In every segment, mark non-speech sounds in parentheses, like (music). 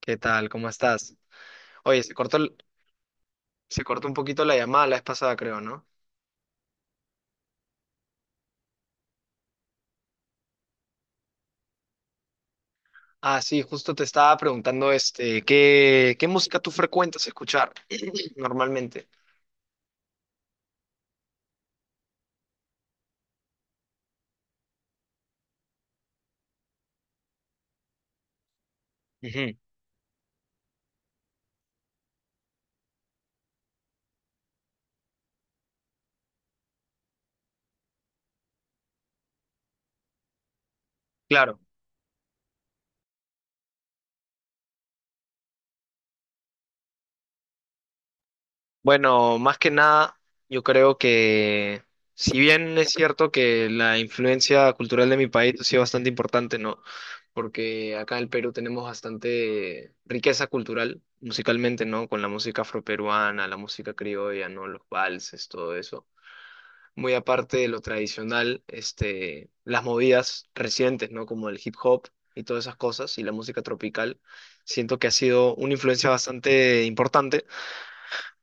¿Qué tal? ¿Cómo estás? Oye, se cortó, se cortó un poquito la llamada la vez pasada, creo, ¿no? Ah, sí, justo te estaba preguntando, este, ¿qué música tú frecuentas escuchar (clears throat) normalmente? Ujú, claro. Bueno, más que nada, yo creo que, si bien es cierto que la influencia cultural de mi país ha sido bastante importante, ¿no? Porque acá en el Perú tenemos bastante riqueza cultural, musicalmente, ¿no? Con la música afroperuana, la música criolla, ¿no? Los valses, todo eso. Muy aparte de lo tradicional, este, las movidas recientes, ¿no? Como el hip hop y todas esas cosas y la música tropical, siento que ha sido una influencia bastante importante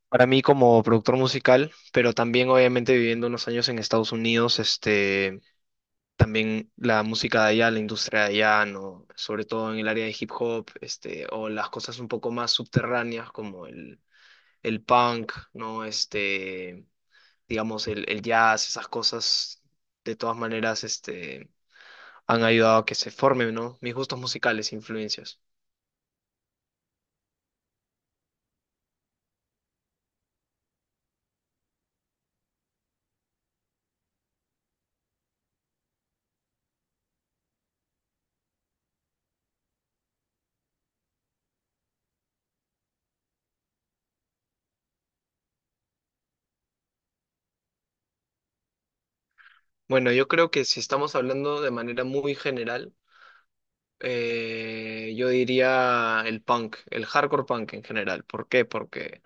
para mí como productor musical, pero también obviamente viviendo unos años en Estados Unidos, este, también la música de allá, la industria de allá, ¿no? Sobre todo en el área de hip hop, este, o las cosas un poco más subterráneas como el punk, ¿no? Este digamos, el jazz, esas cosas, de todas maneras, este, han ayudado a que se formen, ¿no? Mis gustos musicales, influencias. Bueno, yo creo que si estamos hablando de manera muy general, yo diría el punk, el hardcore punk en general. ¿Por qué? Porque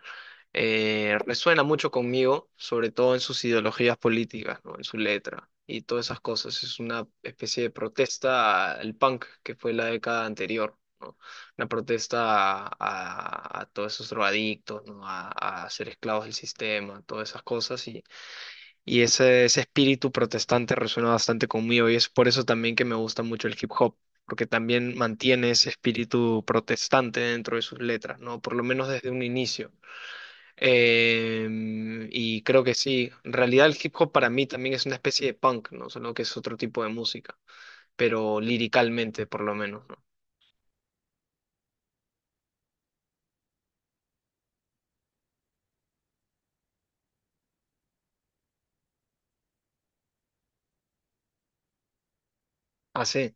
resuena mucho conmigo, sobre todo en sus ideologías políticas, ¿no? En su letra y todas esas cosas. Es una especie de protesta al punk que fue la década anterior, ¿no? Una protesta a todos esos drogadictos, ¿no? A ser esclavos del sistema, todas esas cosas. Y ese espíritu protestante resuena bastante conmigo y es por eso también que me gusta mucho el hip hop. Porque también mantiene ese espíritu protestante dentro de sus letras, ¿no? Por lo menos desde un inicio. Eh, y creo que sí. En realidad el hip hop para mí también es una especie de punk, ¿no? Solo que es otro tipo de música, pero liricalmente por lo menos, ¿no? Ah, sí.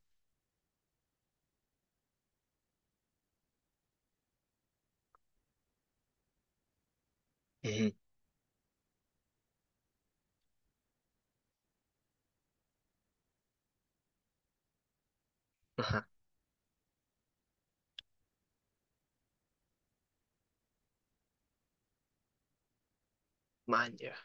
Ujú. Ajá. Man, ya.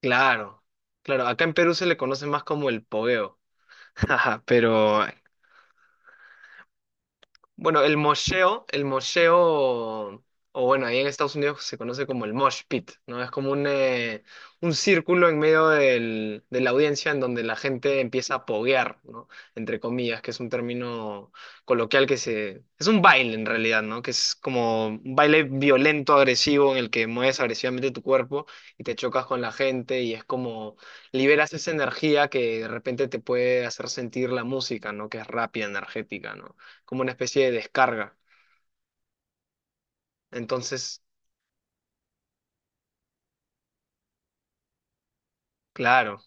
Claro, claro. Acá en Perú se le conoce más como el pogueo. (laughs) Ajá, pero bueno, el mosheo, o bueno, ahí en Estados Unidos se conoce como el mosh pit, ¿no? Es como un círculo en medio de la audiencia en donde la gente empieza a poguear, ¿no? Entre comillas, que es un término coloquial que se... Es un baile en realidad, ¿no? Que es como un baile violento, agresivo, en el que mueves agresivamente tu cuerpo y te chocas con la gente y es como liberas esa energía que de repente te puede hacer sentir la música, ¿no? Que es rápida, energética, ¿no? Como una especie de descarga. Entonces, claro,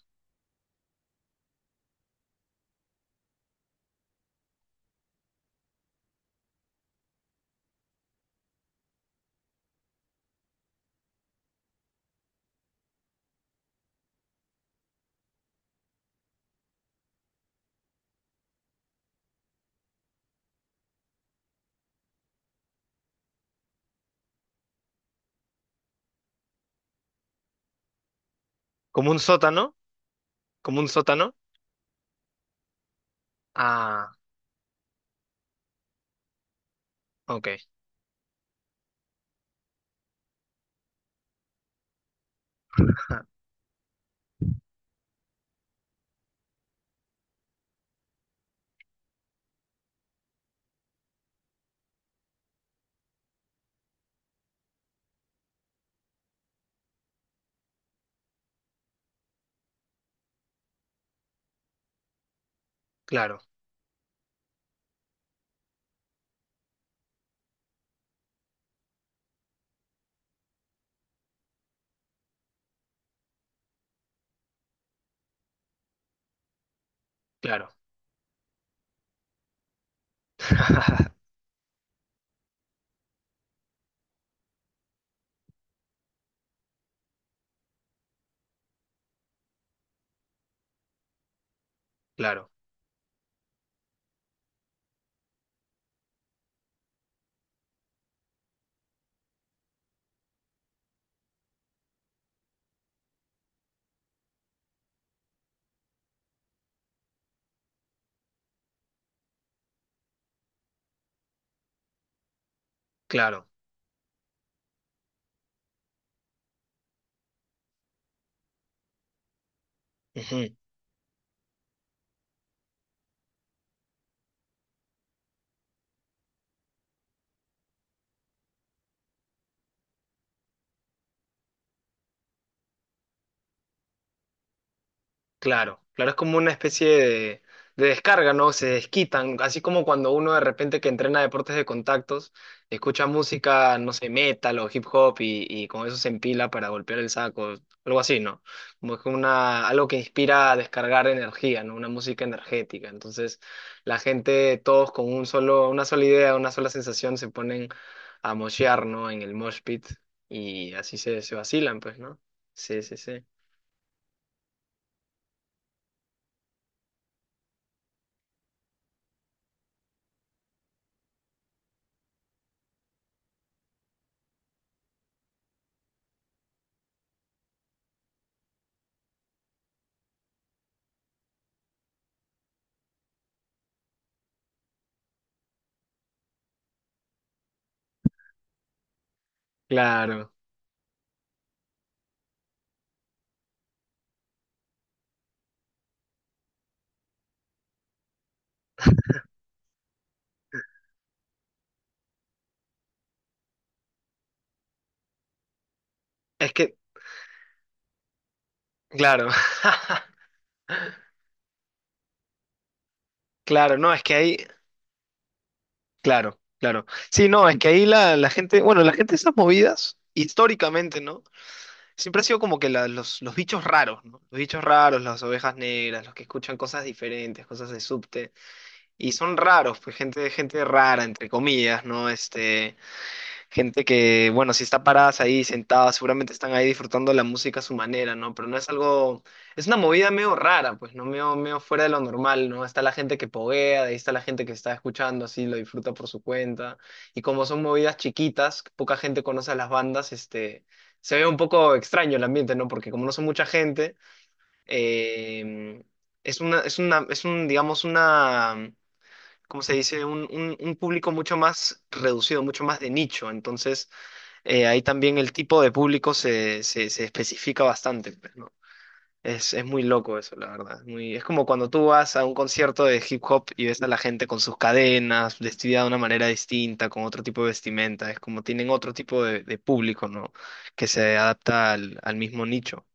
como un sótano, como un sótano. Ah, ok. (laughs) Ajá, claro, claro. (laughs) Claro, claro. Ujú. Claro, claro, es como una especie de descarga, ¿no? Se desquitan, así como cuando uno de repente que entrena deportes de contactos, escucha música, no sé, metal o hip hop y con eso se empila para golpear el saco, algo así, ¿no? Como que una, algo que inspira a descargar energía, ¿no? Una música energética. Entonces, la gente, todos con un solo, una sola idea, una sola sensación, se ponen a moshear, ¿no? En el mosh pit y así se, se vacilan, pues, ¿no? Sí, sí, sí. Claro. Es que claro, (laughs) claro, no, es que ahí, claro, claro. Sí, no, es que ahí la gente, bueno, la gente de esas movidas, históricamente, ¿no? Siempre ha sido como que los bichos raros, ¿no? Los bichos raros, las ovejas negras, los que escuchan cosas diferentes, cosas de subte, y son raros, pues gente rara, entre comillas, ¿no? Este, gente que, bueno, si está paradas ahí, sentadas, seguramente están ahí disfrutando la música a su manera, ¿no? Pero no es algo, es una movida medio rara, pues, ¿no? Medio, medio fuera de lo normal, ¿no? Está la gente que poguea, de ahí está la gente que está escuchando, así, lo disfruta por su cuenta. Y como son movidas chiquitas, poca gente conoce a las bandas, este, se ve un poco extraño el ambiente, ¿no? Porque como no son mucha gente, eh, es un, digamos, una... ¿Cómo se dice? un público mucho más reducido, mucho más de nicho. Entonces, ahí también el tipo de público se especifica bastante, pues, ¿no? Es muy loco eso, la verdad. Es muy, es como cuando tú vas a un concierto de hip hop y ves a la gente con sus cadenas, vestida de una manera distinta, con otro tipo de vestimenta. Es como tienen otro tipo de público, ¿no? Que se adapta al, al mismo nicho.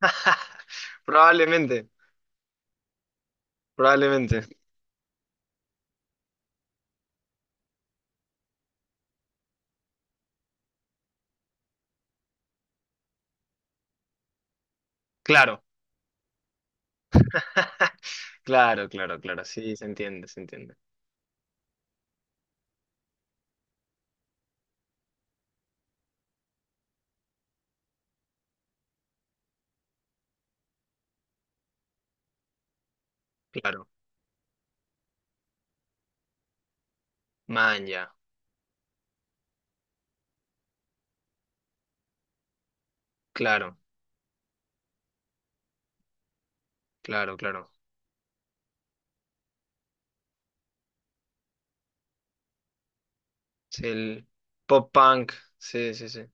(laughs) Probablemente, probablemente. Claro, (laughs) claro, claro, claro. Sí, se entiende, se entiende. Claro. Maña. Claro, claro, claro. Sí, el pop punk. Sí, sí, sí.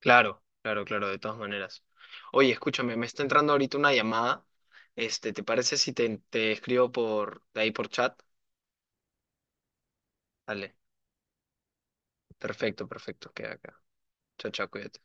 Claro, claro, claro, de todas maneras. Oye, escúchame, me está entrando ahorita una llamada. Este, ¿te parece si te, te escribo por de ahí por chat? Dale. Perfecto, perfecto, queda acá. Chao, chao, cuídate.